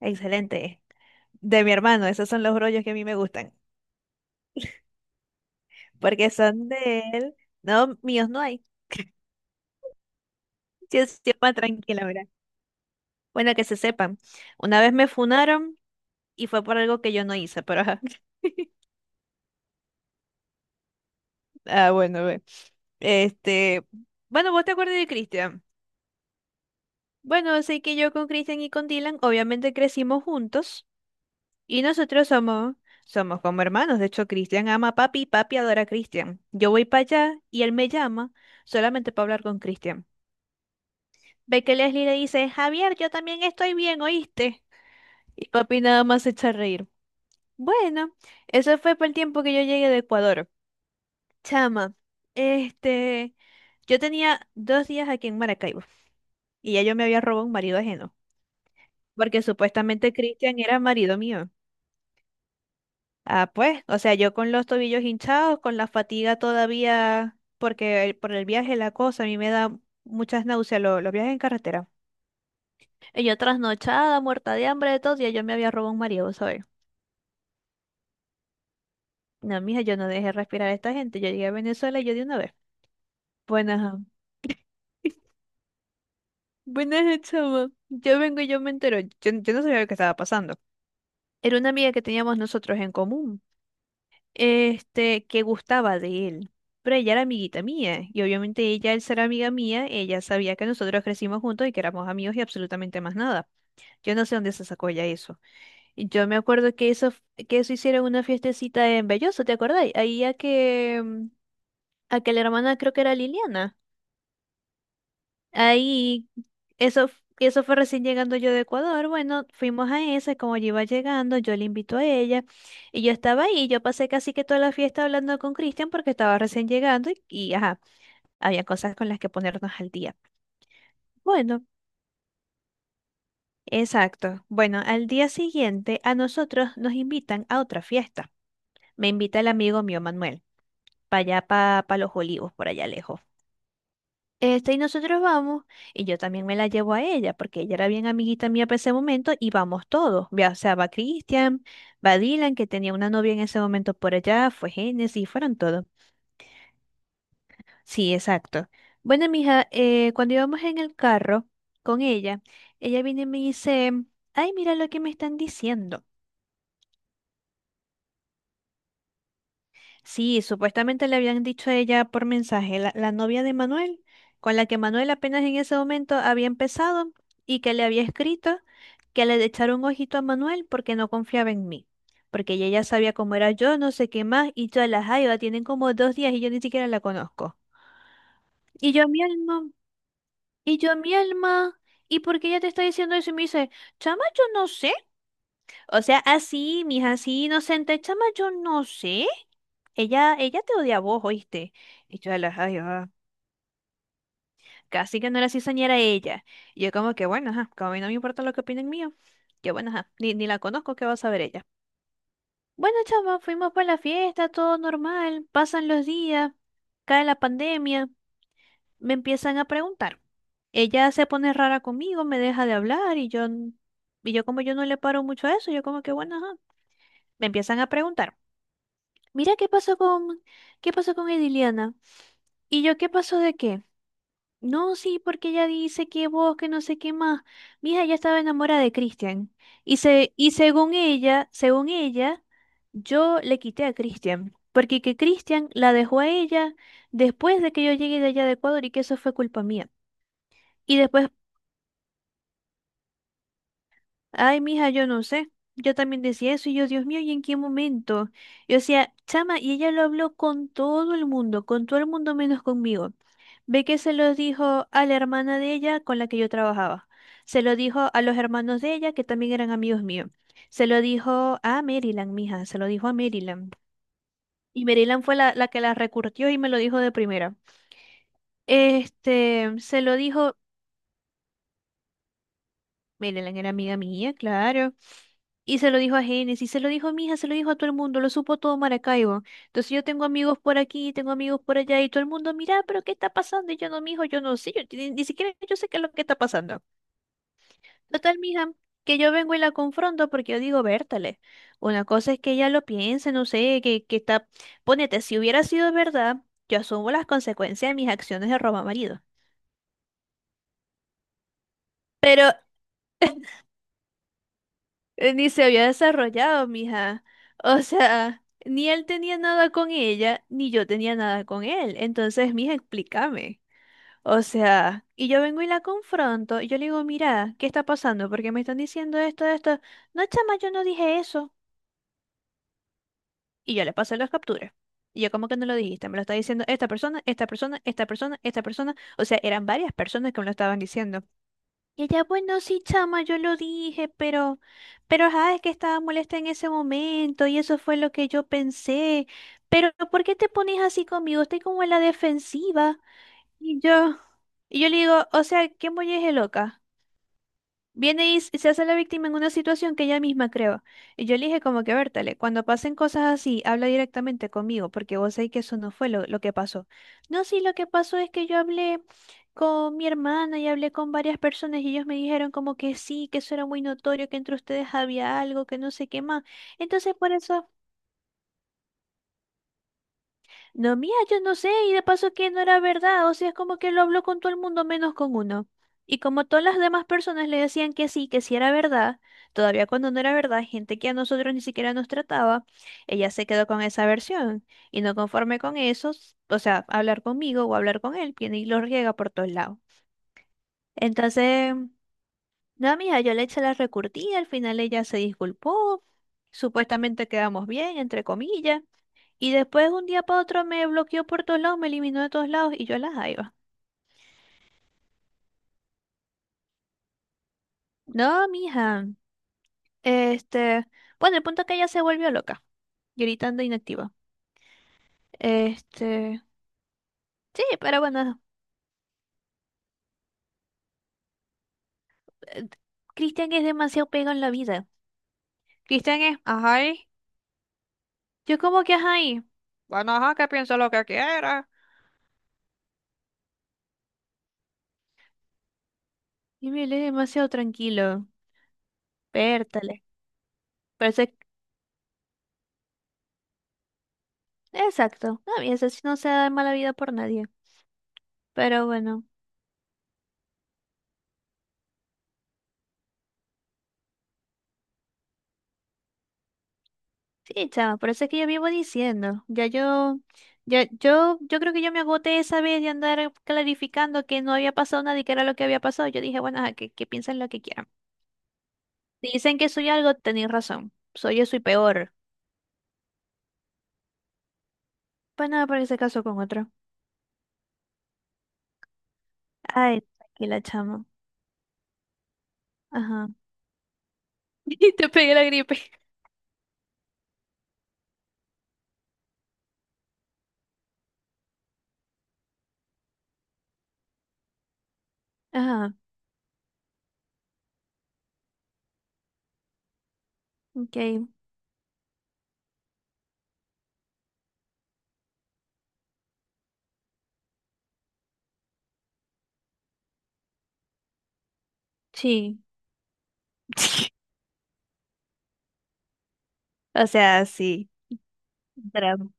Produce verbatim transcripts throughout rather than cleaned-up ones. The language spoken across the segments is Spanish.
Excelente. De mi hermano, esos son los rollos que a mí me gustan, porque son de él. No, míos no hay. Yo estoy más tranquila, mira. Bueno, que se sepan. Una vez me funaron y fue por algo que yo no hice, pero ajá. Ah, bueno, ve. Este, bueno, ¿vos te acuerdas de Cristian? Bueno, sé que yo con Cristian y con Dylan obviamente crecimos juntos y nosotros somos somos como hermanos. De hecho, Cristian ama a papi y papi adora a Cristian. Yo voy para allá y él me llama solamente para hablar con Cristian. Ve que Leslie le dice, Javier, yo también estoy bien, ¿oíste? Y papi nada más se echa a reír. Bueno, eso fue por el tiempo que yo llegué de Ecuador. Chama, este, yo tenía dos días aquí en Maracaibo y ya yo me había robado un marido ajeno, porque supuestamente Cristian era marido mío. Ah, pues, o sea, yo con los tobillos hinchados, con la fatiga todavía, porque el- por el viaje la cosa, a mí me da muchas náuseas lo- los viajes en carretera. Y yo trasnochada, muerta de hambre, de todo, y yo me había robado un marido, ¿sabes? No, mija, yo no dejé respirar a esta gente. Yo llegué a Venezuela y yo de una vez. Buenas, buenas, chama. Yo vengo y yo me entero. Yo, yo no sabía lo que estaba pasando. Era una amiga que teníamos nosotros en común, este, que gustaba de él. Pero ella era amiguita mía, y obviamente ella, al ser amiga mía, ella sabía que nosotros crecimos juntos y que éramos amigos y absolutamente más nada. Yo no sé dónde se sacó ella eso. Y yo me acuerdo que eso, f- que eso hicieron una fiestecita en Belloso, ¿te acordáis? Ahí a que, mm, a que la hermana creo que era Liliana. Ahí, eso, f- eso fue recién llegando yo de Ecuador. Bueno, fuimos a esa, como yo iba llegando, yo le invito a ella. Y yo estaba ahí, yo pasé casi que toda la fiesta hablando con Cristian porque estaba recién llegando y, y ajá, había cosas con las que ponernos al día. Bueno, exacto. Bueno, al día siguiente a nosotros nos invitan a otra fiesta. Me invita el amigo mío Manuel, para allá, para los olivos, por allá lejos. Este, y nosotros vamos, y yo también me la llevo a ella, porque ella era bien amiguita mía para ese momento, y vamos todos. Ya, o sea, va Cristian, va Dylan, que tenía una novia en ese momento por allá, fue Génesis, fueron todos. Sí, exacto. Bueno, mija, eh, cuando íbamos en el carro con ella, ella viene y me dice, ay, mira lo que me están diciendo. Sí, supuestamente le habían dicho a ella por mensaje, la, la novia de Manuel, con la que Manuel apenas en ese momento había empezado y que le había escrito que le echara un ojito a Manuel porque no confiaba en mí, porque ella ya sabía cómo era yo, no sé qué más, y todas las jaiba tienen como dos días y yo ni siquiera la conozco. Y yo mi alma, y yo mi alma, ¿y por qué ella te está diciendo eso? Y me dice, chama, yo no sé. O sea, así, mija, así inocente, chama, yo no sé. Ella, ella te odia a vos, ¿oíste? Y yo, ala, ay, ah, casi que no era cizañera ella. Y yo como que, bueno, ajá, como a mí no me importa lo que opinen mío, yo, bueno, ajá, ni, ni la conozco, ¿qué va a saber ella? Bueno, chama, fuimos para la fiesta, todo normal, pasan los días, cae la pandemia, me empiezan a preguntar. Ella se pone rara conmigo, me deja de hablar y yo, n- y yo como yo no le paro mucho a eso, yo como que, bueno, ajá, me empiezan a preguntar. Mira, ¿qué pasó con, qué pasó con Ediliana? ¿Y yo qué pasó de qué? No, sí, porque ella dice que vos, que no sé qué más. Mi hija ya estaba enamorada de Christian. Y, se, y según ella, según ella, yo le quité a Christian. Porque que Christian la dejó a ella después de que yo llegué de allá de Ecuador y que eso fue culpa mía. Y después. Ay, mija, yo no sé. Yo también decía eso y yo, Dios mío, ¿y en qué momento? Yo decía, chama, y ella lo habló con todo el mundo, con todo el mundo menos conmigo. Ve que se lo dijo a la hermana de ella con la que yo trabajaba. Se lo dijo a los hermanos de ella que también eran amigos míos. Se lo dijo a Maryland, mija, se lo dijo a Maryland. Y Maryland fue la, la que la recurrió y me lo dijo de primera. Este, se lo dijo. Maryland era amiga mía, claro. Y se lo dijo a Génesis, se lo dijo a mi hija, se lo dijo a todo el mundo, lo supo todo Maracaibo. Entonces yo tengo amigos por aquí, tengo amigos por allá, y todo el mundo, mira, pero ¿qué está pasando? Y yo no, mijo, yo no sé, yo ni, ni siquiera yo sé qué es lo que está pasando. Total, mija, que yo vengo y la confronto porque yo digo, Bertale, una cosa es que ella lo piense, no sé, que, que está, ponete, si hubiera sido verdad, yo asumo las consecuencias de mis acciones de roba marido. Pero eh, ni se había desarrollado, mija. O sea, ni él tenía nada con ella, ni yo tenía nada con él. Entonces, mija, explícame. O sea, y yo vengo y la confronto, y yo le digo, mira, ¿qué está pasando? Porque me están diciendo esto, esto. No, chama, yo no dije eso. Y yo le pasé las capturas. Y yo, ¿cómo que no lo dijiste? Me lo está diciendo esta persona, esta persona, esta persona, esta persona. O sea, eran varias personas que me lo estaban diciendo. Y ella, bueno, sí, chama, yo lo dije, pero, pero, ajá, es que estaba molesta en ese momento y eso fue lo que yo pensé. Pero, ¿por qué te pones así conmigo? Estoy como en la defensiva. Y yo, y yo le digo, o sea, ¿qué molleje loca? Viene y s- se hace la víctima en una situación que ella misma creó. Y yo le dije como que, Bertale, cuando pasen cosas así, habla directamente conmigo, porque vos sabés que eso no fue lo, lo que pasó. No, sí, lo que pasó es que yo hablé con mi hermana y hablé con varias personas y ellos me dijeron como que sí, que eso era muy notorio, que entre ustedes había algo, que no sé qué más. Entonces, por eso. No, mía, yo no sé, y de paso que no era verdad, o sea, es como que lo habló con todo el mundo menos con uno. Y como todas las demás personas le decían que sí, que sí era verdad, todavía cuando no era verdad, gente que a nosotros ni siquiera nos trataba, ella se quedó con esa versión. Y no conforme con eso, s- o sea, hablar conmigo o hablar con él, viene y lo riega por todos lados. Entonces, no, mija, yo le eché la recurtida, al final ella se disculpó, supuestamente quedamos bien, entre comillas. Y después un día para otro me bloqueó por todos lados, me eliminó de todos lados y yo la jaiba. No, mija. Este, bueno, el punto es que ella se volvió loca, gritando inactiva. Este, sí, pero bueno, eh, Cristian es demasiado pegado en la vida. Cristian es, ajá, y- yo como que ajá, y bueno, ajá, que piense lo que quiera. Y me lee demasiado tranquilo. Pértale. Parece, exacto. No, y ese sí no se da mala vida por nadie. Pero bueno. Sí, chava, por eso es que yo vivo diciendo. Ya yo, ya, yo, yo creo que yo me agoté esa vez de andar clarificando que no había pasado nada y que era lo que había pasado. Yo dije, bueno, ajá, que, que piensen lo que quieran. Si dicen que soy algo, tenéis razón. Soy eso y peor. Pues nada, porque se casó con otro. Ay, aquí la chamo. Ajá. Y te pegué la gripe. Ajá, ok. Sí. O sea, sí. Drama.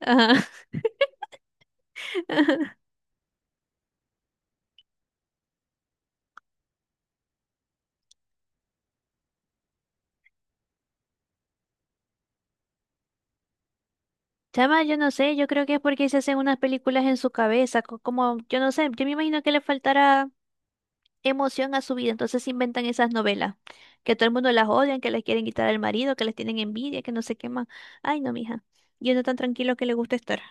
Ajá. Chama, yo no sé, yo creo que es porque se hacen unas películas en su cabeza, co- como, yo no sé, yo me imagino que le faltará emoción a su vida, entonces inventan esas novelas, que todo el mundo las odian, que les quieren quitar al marido, que les tienen envidia, que no sé qué más. Ay, no, mija, y uno tan tranquilo que le gusta estar.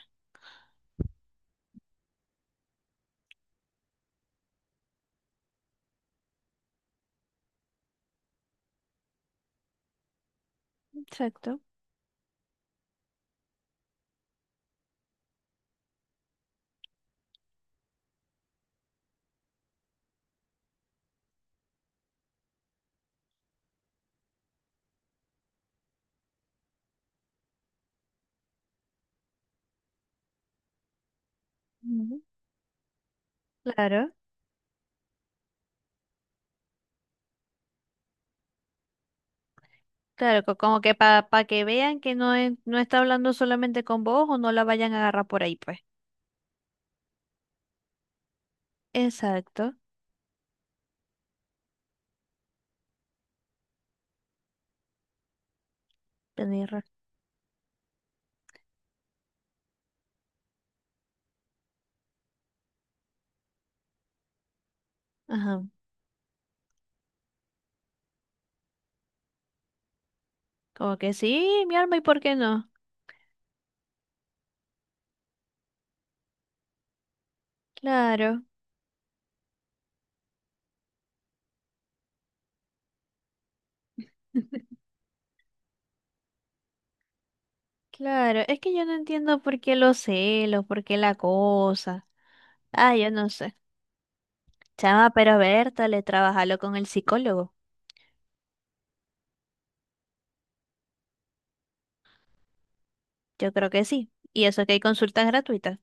Exacto. Ujú. Claro. Claro, co- como que para que vean que no, es- no está hablando solamente con vos o no la vayan a agarrar por ahí, pues. Exacto. Tenés ra-. Ajá, como que sí, mi alma, ¿y por qué no? Claro. Claro, es que yo no entiendo por qué los celos, por qué la cosa. Ah, yo no sé. Chama, pero Berta, le trabajalo con el psicólogo. Yo creo que sí. Y eso que hay consultas gratuitas.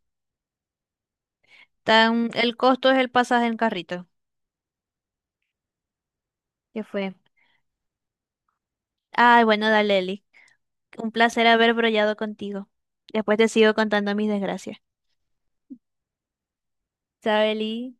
Tan, el costo es el pasaje en carrito. ¿Qué fue? Ay, bueno, dale, Eli. Un placer haber brollado contigo. Después te sigo contando mis desgracias. ¿Sabes, Eli?